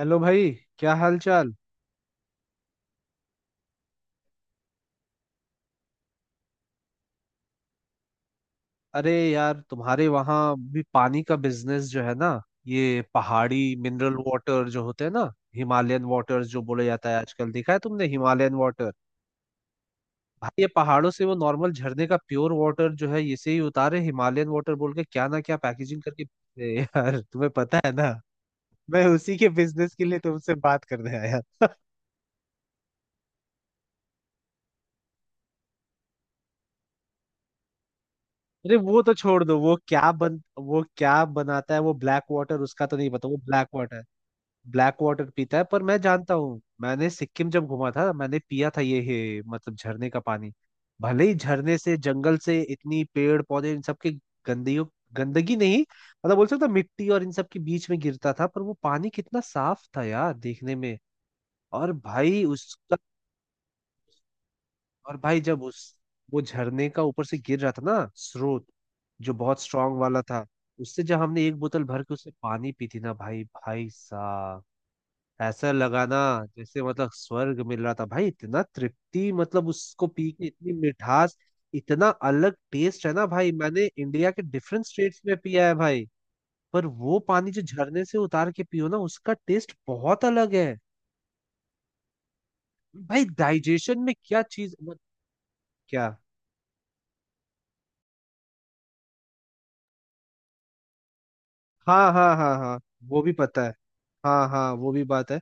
Hello भाई। क्या हाल चाल? अरे यार, तुम्हारे वहां भी पानी का बिजनेस जो है ना, ये पहाड़ी मिनरल वाटर जो होते हैं ना, हिमालयन वाटर जो बोला जाता है आजकल। देखा है तुमने हिमालयन वाटर? भाई ये पहाड़ों से वो नॉर्मल झरने का प्योर वाटर जो है, इसे ही उतारे हिमालयन वाटर बोल के, क्या ना क्या पैकेजिंग करके। ए यार, तुम्हें पता है ना, मैं उसी के बिजनेस के लिए तुमसे बात करने आया। अरे वो तो छोड़ दो। वो क्या बनाता है? वो ब्लैक वाटर, उसका तो नहीं पता। वो ब्लैक वाटर, ब्लैक वाटर पीता है, पर मैं जानता हूँ, मैंने सिक्किम जब घूमा था मैंने पिया था। ये है मतलब झरने का पानी। भले ही झरने से, जंगल से, इतनी पेड़ पौधे इन सब के गंदगी, गंदगी नहीं मतलब बोल सकता हूं, मिट्टी और इन सब के बीच में गिरता था, पर वो पानी कितना साफ था यार देखने में। और भाई उसका। और भाई जब उस, वो झरने का ऊपर से गिर रहा था ना, स्रोत जो बहुत स्ट्रांग वाला था, उससे जब हमने एक बोतल भर के उससे पानी पी थी ना भाई, भाई साहब, ऐसा लगाना जैसे मतलब स्वर्ग मिल रहा था भाई। इतना तृप्ति मतलब उसको पी के, इतनी मिठास, इतना अलग टेस्ट है ना भाई। मैंने इंडिया के डिफरेंट स्टेट्स में पिया है भाई, पर वो पानी जो झरने से उतार के पियो ना, उसका टेस्ट बहुत अलग है। भाई डाइजेशन में क्या चीज मत। क्या? हाँ हाँ हाँ हाँ, वो भी पता है। हाँ हाँ, वो भी बात है।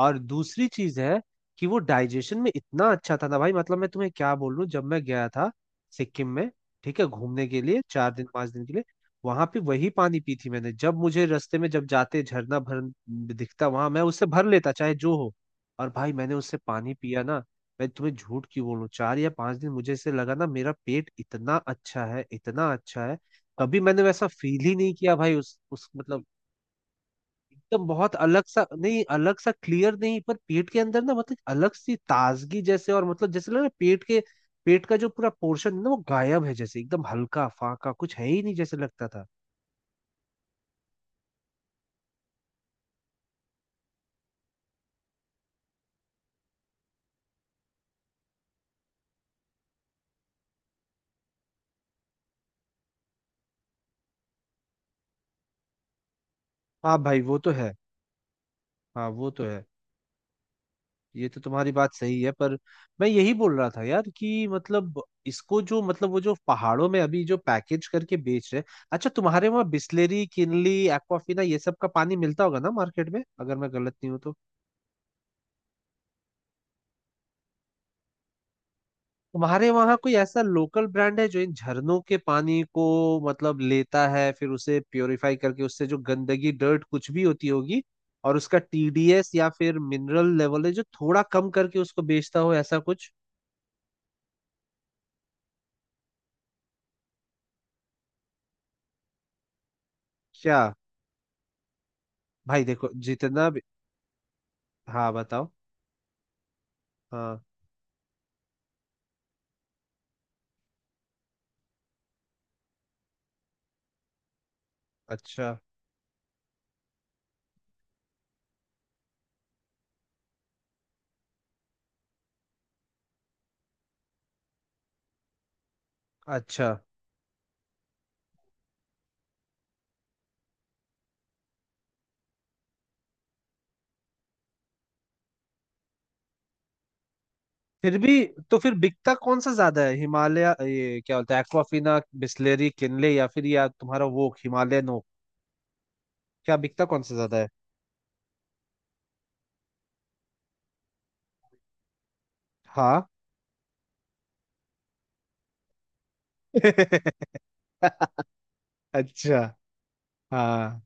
और दूसरी चीज है कि वो डाइजेशन में इतना अच्छा था ना भाई, मतलब मैं तुम्हें क्या बोल रहा हूँ, जब मैं गया था सिक्किम में, ठीक है, घूमने के लिए 4 दिन 5 दिन के लिए, वहां पे वही पानी पी थी मैंने, जब मुझे रास्ते में जब जाते झरना भर दिखता वहां, मैं उससे भर लेता चाहे जो हो। और भाई मैंने उससे पानी पिया ना, मैं तुम्हें झूठ क्यों बोलूं, 4 या 5 दिन मुझे ऐसे लगा ना, मेरा पेट इतना अच्छा है, इतना अच्छा है। कभी मैंने वैसा फील ही नहीं किया भाई। उस मतलब एकदम बहुत अलग सा, नहीं अलग सा क्लियर नहीं, पर पेट के अंदर ना मतलब अलग सी ताजगी जैसे, और मतलब जैसे लग रहा है पेट के, पेट का जो पूरा पोर्शन है ना वो गायब है, जैसे एकदम हल्का फाका कुछ है ही नहीं जैसे लगता था। हाँ भाई वो तो है। हाँ वो तो है, ये तो तुम्हारी बात सही है, पर मैं यही बोल रहा था यार कि मतलब इसको जो, मतलब वो जो पहाड़ों में अभी जो पैकेज करके बेच रहे। अच्छा, तुम्हारे वहाँ बिस्लेरी, किनली, एक्वाफिना ये सब का पानी मिलता होगा ना मार्केट में, अगर मैं गलत नहीं हूँ तो? तुम्हारे वहां कोई ऐसा लोकल ब्रांड है जो इन झरनों के पानी को, मतलब लेता है फिर उसे प्योरीफाई करके, उससे जो गंदगी डर्ट कुछ भी होती होगी और उसका टीडीएस या फिर मिनरल लेवल है जो थोड़ा कम करके उसको बेचता हो, ऐसा कुछ? क्या? भाई देखो जितना भी। हाँ बताओ। हाँ। अच्छा। अच्छा। फिर भी, तो फिर बिकता कौन सा ज्यादा है, हिमालय, ये क्या बोलते हैं, एक्वाफिना, बिस्लेरी, किनले, या फिर या तुम्हारा वो हिमालयन हो? क्या बिकता कौन सा ज्यादा है? हाँ। अच्छा। हाँ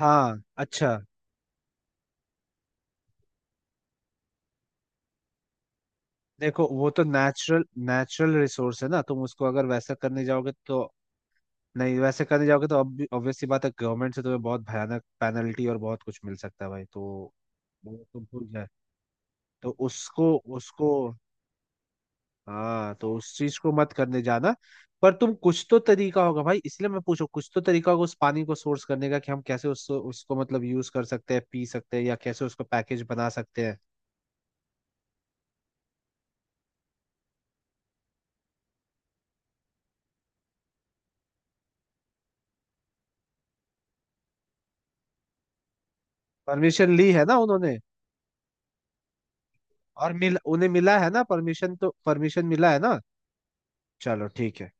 हाँ। अच्छा। देखो वो तो नेचुरल नेचुरल रिसोर्स है ना, तुम उसको अगर वैसा करने जाओगे तो। नहीं वैसे करने जाओगे तो अब ऑब्वियसली बात है, गवर्नमेंट से तुम्हें बहुत भयानक पेनल्टी और बहुत कुछ मिल सकता है भाई, तो वो तो भूल जाए। तो उसको उसको, हाँ तो उस चीज को मत करने जाना। पर तुम कुछ तो तरीका होगा भाई, इसलिए मैं पूछू, कुछ तो तरीका होगा उस पानी को सोर्स करने का, कि हम कैसे उसको उसको मतलब यूज कर सकते हैं, पी सकते हैं, या कैसे उसको पैकेज बना सकते हैं। परमिशन ली है ना उन्होंने? और मिल उन्हें मिला है ना परमिशन? तो परमिशन मिला है ना? चलो ठीक है।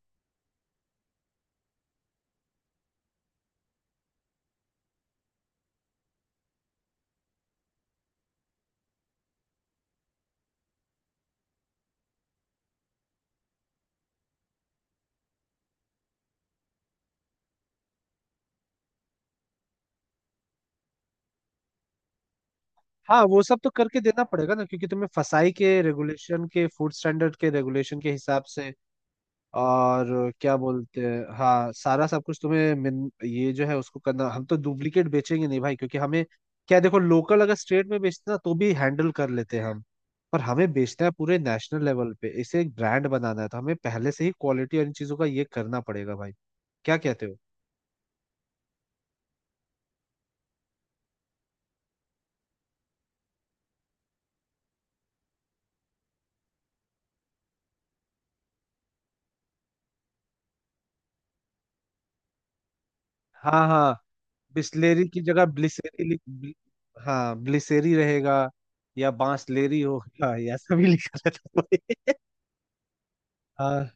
हाँ वो सब तो करके देना पड़ेगा ना, क्योंकि तुम्हें फसाई के रेगुलेशन के, फूड स्टैंडर्ड के रेगुलेशन के हिसाब से और क्या बोलते हैं, हाँ सारा सब कुछ तुम्हें ये जो है उसको करना। हम तो डुप्लीकेट बेचेंगे नहीं भाई, क्योंकि हमें क्या। देखो लोकल अगर स्टेट में बेचते ना तो भी हैंडल कर लेते हैं हम, पर हमें बेचना है पूरे नेशनल लेवल पे, इसे एक ब्रांड बनाना है, तो हमें पहले से ही क्वालिटी और इन चीजों का ये करना पड़ेगा भाई। क्या कहते हो? हाँ हाँ। बिस्लेरी की जगह ब्लिसेरी लिख, हाँ ब्लिसेरी रहेगा, या बांसलेरी होगा, या सभी लिखा रहता है। हाँ।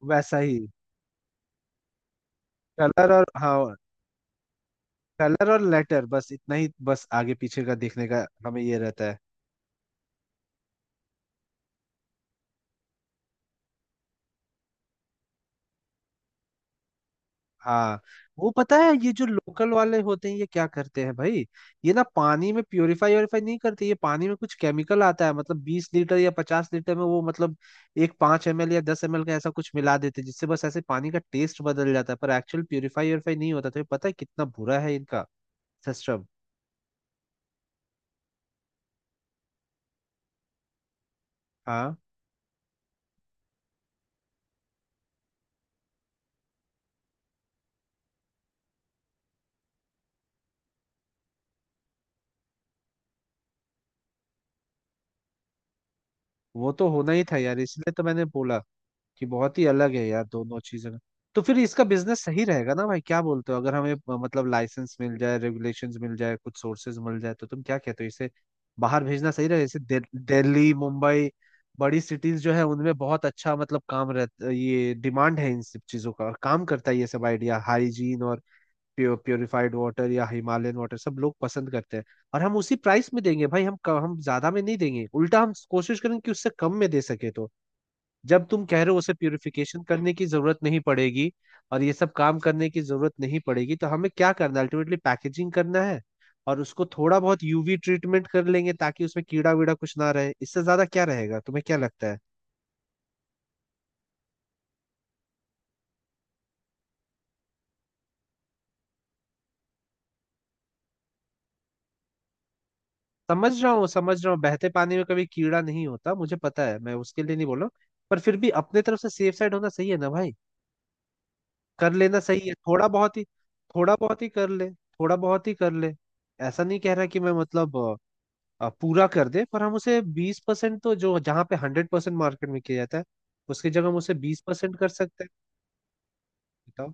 वैसा ही कलर और, हाँ कलर और लेटर बस इतना ही, बस आगे पीछे का देखने का हमें ये रहता है। हाँ वो पता है, ये जो लोकल वाले होते हैं ये क्या करते हैं भाई, ये ना पानी में प्योरीफाई व्योरीफाई नहीं करते, ये पानी में कुछ केमिकल आता है मतलब 20 लीटर या 50 लीटर में, वो मतलब एक 5 ml या 10 ml का ऐसा कुछ मिला देते हैं जिससे बस ऐसे पानी का टेस्ट बदल जाता है, पर एक्चुअल प्योरीफाई व्योरीफाई नहीं होता, तो ये पता है कितना बुरा है इनका सिस्टम। हाँ वो तो होना ही था यार, इसलिए तो मैंने बोला कि बहुत ही अलग है यार दोनों चीजें। तो फिर इसका बिजनेस सही रहेगा ना भाई, क्या बोलते हो? अगर हमें, मतलब लाइसेंस मिल जाए, रेगुलेशंस मिल जाए, कुछ सोर्सेज मिल जाए, तो तुम क्या कहते हो, इसे बाहर भेजना सही रहेगा? इसे दिल्ली, मुंबई, बड़ी सिटीज जो है उनमें बहुत अच्छा मतलब काम रहता, ये डिमांड है इन सब चीजों का और काम करता है ये सब। आइडिया हाइजीन और प्योर प्योरिफाइड वाटर या हिमालयन वाटर सब लोग पसंद करते हैं। और हम उसी प्राइस में देंगे भाई, हम हम ज्यादा में नहीं देंगे, उल्टा हम कोशिश करेंगे कि उससे कम में दे सके, तो जब तुम कह रहे हो उसे प्यूरिफिकेशन करने की जरूरत नहीं पड़ेगी और ये सब काम करने की जरूरत नहीं पड़ेगी, तो हमें क्या करना है अल्टीमेटली, पैकेजिंग करना है। और उसको थोड़ा बहुत यूवी ट्रीटमेंट कर लेंगे ताकि उसमें कीड़ा वीड़ा कुछ ना रहे, इससे ज्यादा क्या रहेगा? तुम्हें क्या लगता है? समझ रहा हूँ समझ रहा हूँ, बहते पानी में कभी कीड़ा नहीं होता मुझे पता है, मैं उसके लिए नहीं बोल रहा हूँ। पर फिर भी अपने तरफ से सेफ साइड होना सही है ना भाई, कर लेना सही है थोड़ा बहुत ही। थोड़ा बहुत ही कर ले, थोड़ा बहुत ही कर ले। ऐसा नहीं कह रहा कि मैं मतलब पूरा कर दे, पर हम उसे 20%, तो जो जहाँ पे 100% मार्केट में किया जाता है, उसकी जगह हम उसे बीस परसेंट कर सकते हैं। बताओ।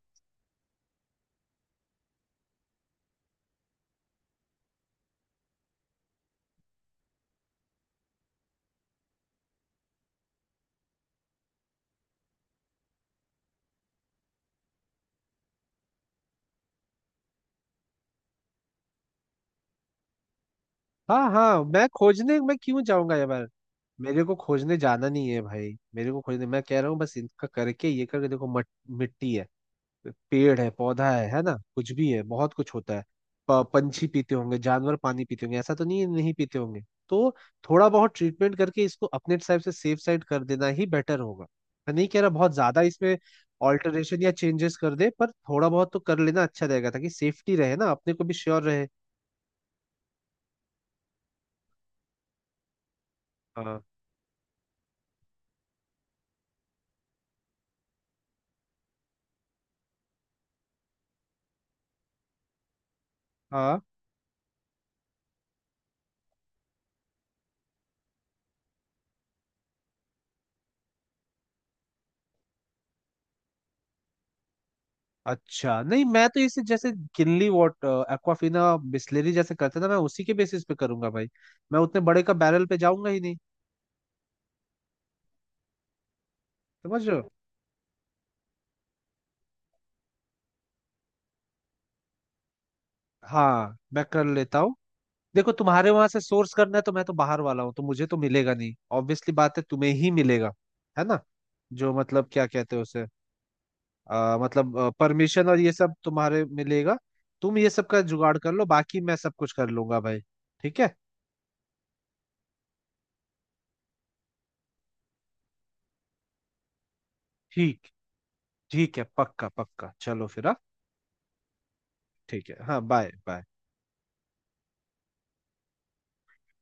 हाँ हाँ। मैं खोजने मैं क्यों जाऊंगा यार, मेरे को खोजने जाना नहीं है भाई, मेरे को खोजने मैं कह रहा हूँ बस, इनका करके ये करके देखो, मिट्टी है, पेड़ है, पौधा है ना, कुछ भी है, बहुत कुछ होता है। पंछी पीते होंगे, जानवर पानी पीते होंगे, ऐसा तो नहीं है नहीं पीते होंगे, तो थोड़ा बहुत ट्रीटमेंट करके इसको अपने साइड से सेफ साइड कर देना ही बेटर होगा। मैं नहीं कह रहा बहुत ज्यादा इसमें ऑल्टरेशन या चेंजेस कर दे, पर थोड़ा बहुत तो कर लेना अच्छा रहेगा ताकि सेफ्टी रहे ना, अपने को भी श्योर रहे। हाँ हाँ। अच्छा नहीं मैं तो इसे जैसे किनली वाटर, एक्वाफिना, बिस्लेरी जैसे करते ना, मैं उसी के बेसिस पे करूंगा भाई, मैं उतने बड़े का बैरल पे जाऊंगा ही नहीं। समझ रहे हो? हाँ मैं कर लेता हूँ। देखो तुम्हारे वहां से सोर्स करना है तो मैं तो बाहर वाला हूँ, तो मुझे तो मिलेगा नहीं ऑब्वियसली बात है, तुम्हें ही मिलेगा, है ना। जो मतलब क्या कहते हैं उसे, मतलब परमिशन और ये सब तुम्हारे मिलेगा, तुम ये सब का जुगाड़ कर लो, बाकी मैं सब कुछ कर लूंगा भाई। ठीक है। ठीक, ठीक है पक्का पक्का, चलो फिर, हाँ। ठीक है हाँ, बाय बाय।